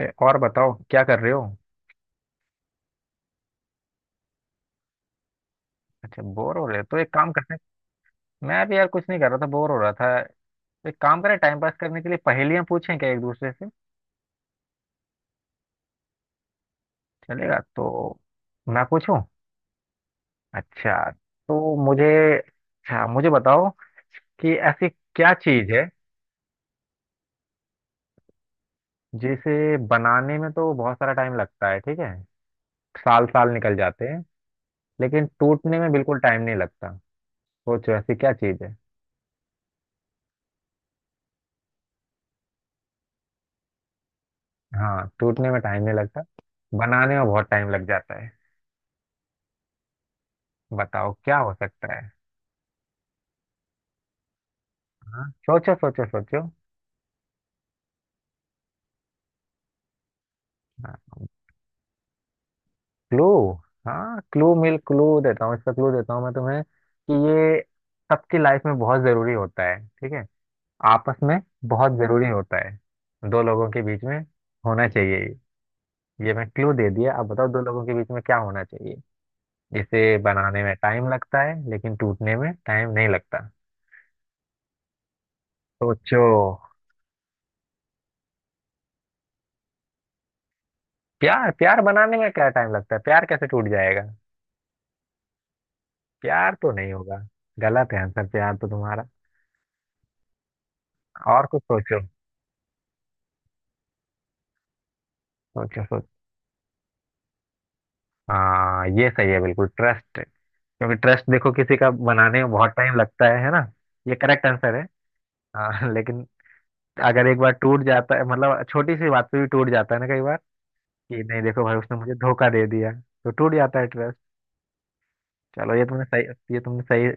ए, और बताओ क्या कर रहे हो। अच्छा बोर हो रहे हो तो एक काम करते हैं। मैं भी यार कुछ नहीं कर रहा था, बोर हो रहा था। तो एक काम करें, टाइम पास करने के लिए पहेलियां पूछें क्या एक दूसरे से। चलेगा तो मैं पूछूं? अच्छा, तो मुझे, अच्छा मुझे बताओ कि ऐसी क्या चीज है जिसे बनाने में तो बहुत सारा टाइम लगता है, ठीक है, साल साल निकल जाते हैं, लेकिन टूटने में बिल्कुल टाइम नहीं लगता। सोचो ऐसी क्या चीज है। हाँ, टूटने में टाइम नहीं लगता, बनाने में बहुत टाइम लग जाता है। बताओ क्या हो सकता है। हाँ सोचो सोचो सोचो। हाँ क्लू, हाँ क्लू देता हूँ इसका, क्लू देता हूँ मैं तुम्हें कि ये सबकी लाइफ में बहुत जरूरी होता है, ठीक है, आपस में बहुत जरूरी होता है, दो लोगों के बीच में होना चाहिए ये। ये मैं क्लू दे दिया, अब बताओ दो लोगों के बीच में क्या होना चाहिए जिसे बनाने में टाइम लगता है लेकिन टूटने में टाइम नहीं लगता। सोचो। प्यार? प्यार बनाने में क्या टाइम लगता है, प्यार कैसे टूट जाएगा। प्यार तो नहीं होगा। गलत है आंसर, प्यार तो तुम्हारा। और कुछ सोचो। सोचो सोचो। हाँ ये सही है, बिल्कुल ट्रस्ट। क्योंकि ट्रस्ट देखो किसी का बनाने में बहुत टाइम लगता है ना। ये करेक्ट आंसर है। हाँ लेकिन अगर एक बार टूट जाता है, मतलब छोटी सी बात पे भी टूट जाता है ना कई बार, कि नहीं देखो भाई उसने मुझे धोखा दे दिया तो टूट जाता है ट्रस्ट। चलो ये तुमने सही, ये तुमने सही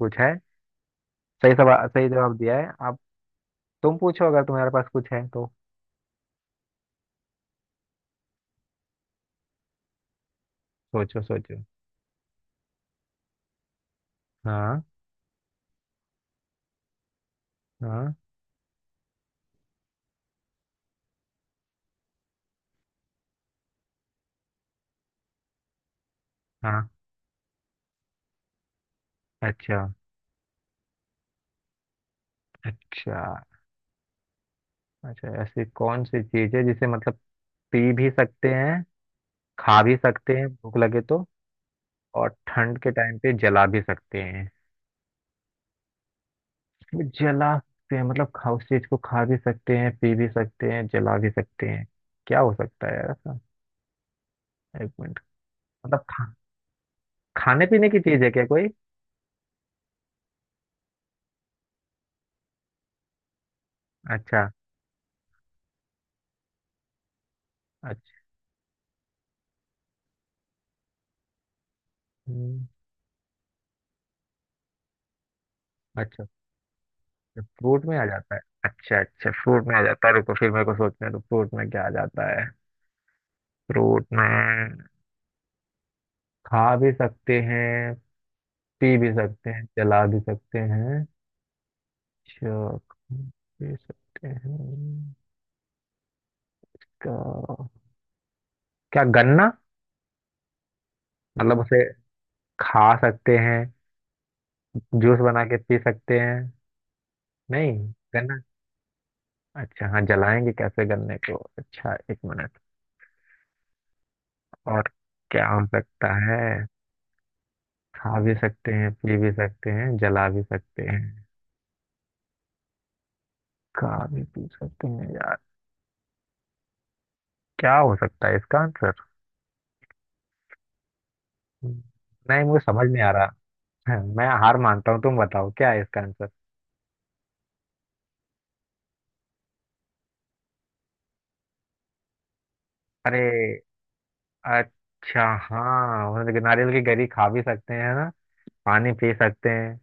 पूछा है, सही सवाल, सही जवाब दिया है। अब तुम पूछो अगर तुम्हारे पास कुछ है तो। सोचो सोचो। हाँ। हाँ। हाँ। अच्छा अच्छा अच्छा, ऐसी कौन सी चीज है जिसे मतलब पी भी सकते हैं, खा भी सकते हैं भूख लगे तो, और ठंड के टाइम पे जला भी सकते हैं। जला सकते हैं मतलब, खा, उस चीज को खा भी सकते हैं, पी भी सकते हैं, जला भी सकते हैं। क्या हो सकता है यार ऐसा। एक मिनट। मतलब खा, खाने पीने की चीज है क्या कोई? अच्छा। अच्छा। हम्म। अच्छा। अच्छा, फ्रूट में आ जाता है, अच्छा अच्छा फ्रूट में आ जाता है, रुको फिर मेरे को सोचने दो फ्रूट में क्या आ जाता है। फ्रूट में, खा भी सकते हैं, पी भी सकते हैं, जला भी सकते हैं। चाक? पी सकते हैं। का, क्या गन्ना? मतलब उसे खा सकते हैं, जूस बना के पी सकते हैं। नहीं, गन्ना। अच्छा हाँ जलाएंगे कैसे गन्ने को, अच्छा एक मिनट। और क्या हो सकता है, खा भी सकते हैं, पी भी सकते हैं, जला भी सकते हैं। खा भी पी सकते हैं यार, क्या हो सकता है इसका आंसर। नहीं मुझे समझ नहीं आ रहा। मैं हार मानता हूँ, तुम बताओ क्या है इसका आंसर। अरे, अच्छा हाँ, मतलब नारियल की गरी खा भी सकते हैं ना, पानी पी सकते हैं,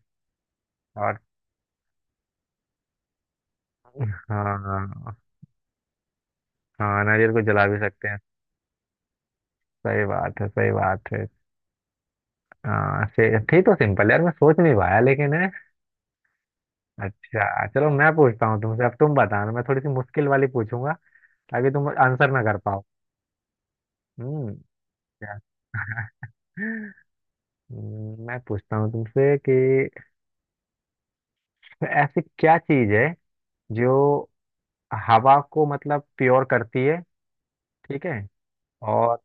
और हाँ। हाँ, नारियल को जला भी सकते हैं। सही बात है, सही बात है। हाँ से थी तो सिंपल यार, मैं सोच नहीं पाया लेकिन है। अच्छा चलो मैं पूछता हूँ तुमसे, अब तुम बताना, मैं थोड़ी सी मुश्किल वाली पूछूंगा ताकि तुम आंसर ना कर पाओ। हम्म। क्या- मैं पूछता हूँ तुमसे कि ऐसी क्या चीज है जो हवा को मतलब प्योर करती है, ठीक है, और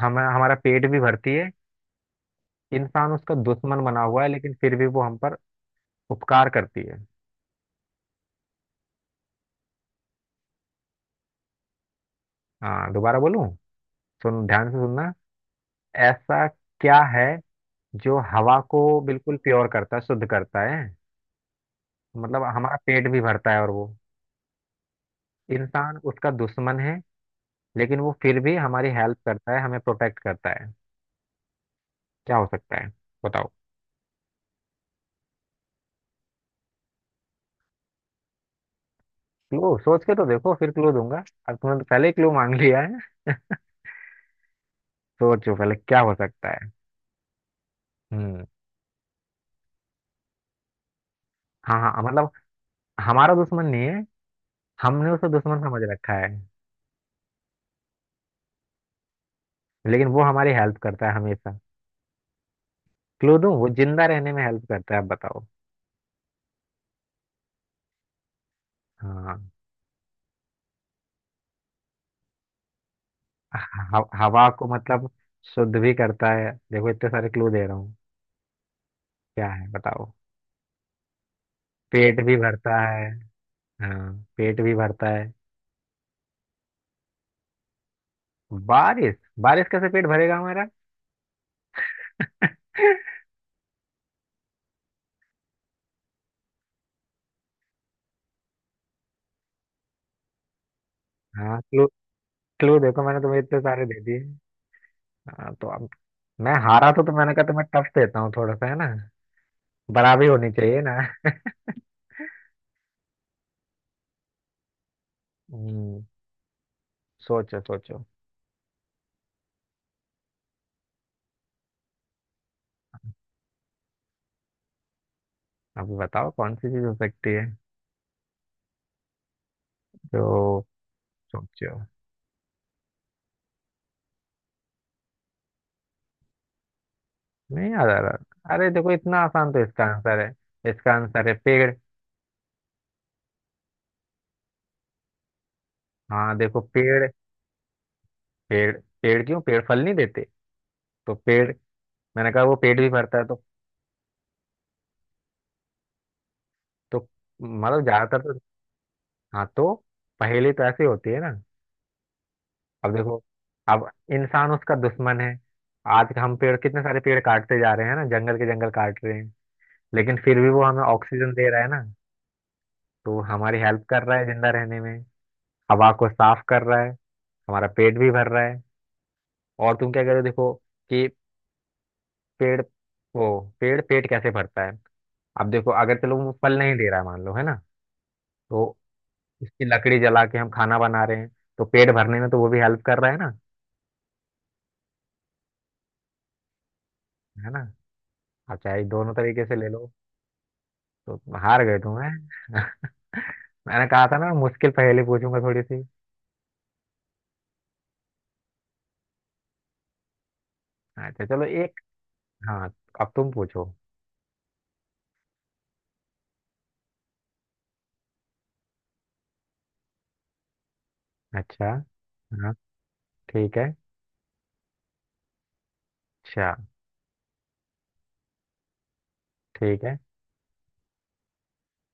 हमें हमारा पेट भी भरती है, इंसान उसका दुश्मन बना हुआ है लेकिन फिर भी वो हम पर उपकार करती है। हाँ दोबारा बोलूं, सुन ध्यान से सुनना। ऐसा क्या है जो हवा को बिल्कुल प्योर करता है, शुद्ध करता है, मतलब हमारा पेट भी भरता है, और वो इंसान उसका दुश्मन है, लेकिन वो फिर भी हमारी हेल्प करता है, हमें प्रोटेक्ट करता है। क्या हो सकता है, बताओ। क्लू सोच के तो देखो फिर क्लू दूंगा, अब तुमने तो पहले ही क्लू मांग लिया है। सोचो पहले क्या हो सकता है। हम्म। हाँ हाँ मतलब हमारा दुश्मन नहीं है, हमने उसे दुश्मन समझ रखा है, लेकिन वो हमारी हेल्प करता है हमेशा। क्लू दूं, वो जिंदा रहने में हेल्प करता है, आप बताओ। हाँ, हवा को मतलब शुद्ध भी करता है, देखो इतने सारे क्लू दे रहा हूँ। क्या है बताओ, पेट भी भरता है। हाँ, पेट भी भरता है। बारिश? बारिश कैसे पेट भरेगा हमारा। हाँ क्लू, क्लू देखो मैंने तुम्हें इतने सारे दे दिए। हाँ तो अब, मैं हारा तो मैंने कहा तुम्हें टफ देता हूँ थोड़ा सा है ना, बराबरी होनी चाहिए ना। हम्म। सोचो सोचो, अब बताओ कौन सी चीज हो सकती है जो। सोचो। नहीं याद आ रहा, अरे देखो इतना आसान तो इसका आंसर है। इसका आंसर है पेड़। हाँ देखो, पेड़। पेड़ पेड़ क्यों? पेड़ फल नहीं देते तो पेड़? मैंने कहा वो पेड़ भी भरता है तो। तो मतलब ज्यादातर तो, हाँ तो पहेली तो ऐसी होती है ना। अब देखो, अब इंसान उसका दुश्मन है, आज हम पेड़, कितने सारे पेड़ काटते जा रहे हैं ना, जंगल के जंगल काट रहे हैं, लेकिन फिर भी वो हमें ऑक्सीजन दे रहा है ना। तो वो हमारी हेल्प कर रहा है जिंदा रहने में, हवा को साफ कर रहा है, हमारा पेट भी भर रहा है, और तुम क्या कह रहे हो देखो कि पेड़, वो पेड़ पेट कैसे भरता है। अब देखो अगर, चलो वो फल नहीं दे रहा है मान लो, है ना, तो इसकी लकड़ी जला के हम खाना बना रहे हैं, तो पेट भरने में तो वो भी हेल्प कर रहा है ना। है ना, आप चाहे दोनों तरीके से ले लो। तो हार गए तुम हैं। मैंने कहा था ना मुश्किल पहेली पूछूंगा थोड़ी सी। अच्छा चलो एक, हाँ अब तुम पूछो। अच्छा। हाँ ठीक है। अच्छा ठीक है,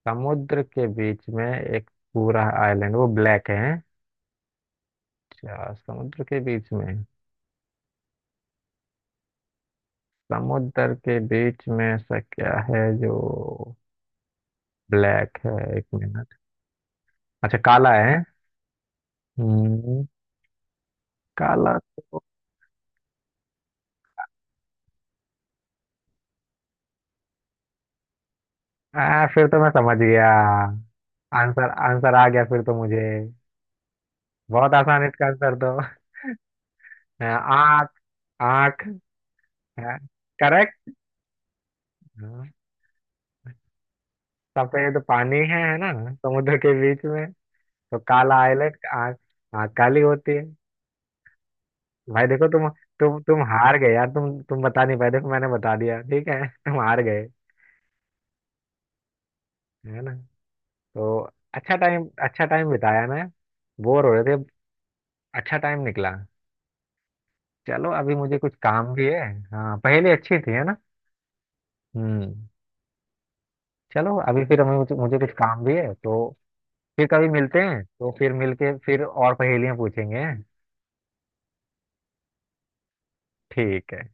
समुद्र के बीच में एक पूरा आइलैंड वो ब्लैक है। अच्छा, समुद्र के बीच में, समुद्र के बीच में ऐसा क्या है जो ब्लैक है। एक मिनट, अच्छा काला है। हम्म, काला तो, आ, फिर तो मैं समझ गया, आंसर आंसर आ गया फिर तो मुझे। बहुत आसान है इसका आंसर तो, आ, आँख। आँख है, करेक्ट। हाँ। सफेद पानी है ना समुद्र के बीच में, तो काला आइलैंड आँख। आँख काली होती है। भाई देखो तुम हार गए यार, तुम बता नहीं पाए, देखो मैंने बता दिया, ठीक है। तुम हार गए, है ना। तो, अच्छा टाइम, अच्छा टाइम बिताया ना, बोर हो रहे थे, अच्छा टाइम निकला। चलो अभी मुझे कुछ काम भी है। हाँ पहले अच्छी थी है ना। हम्म। चलो अभी फिर हमें, मुझे कुछ काम भी है, तो फिर कभी मिलते हैं तो फिर मिलके फिर और पहेलियां पूछेंगे, हैं? ठीक है।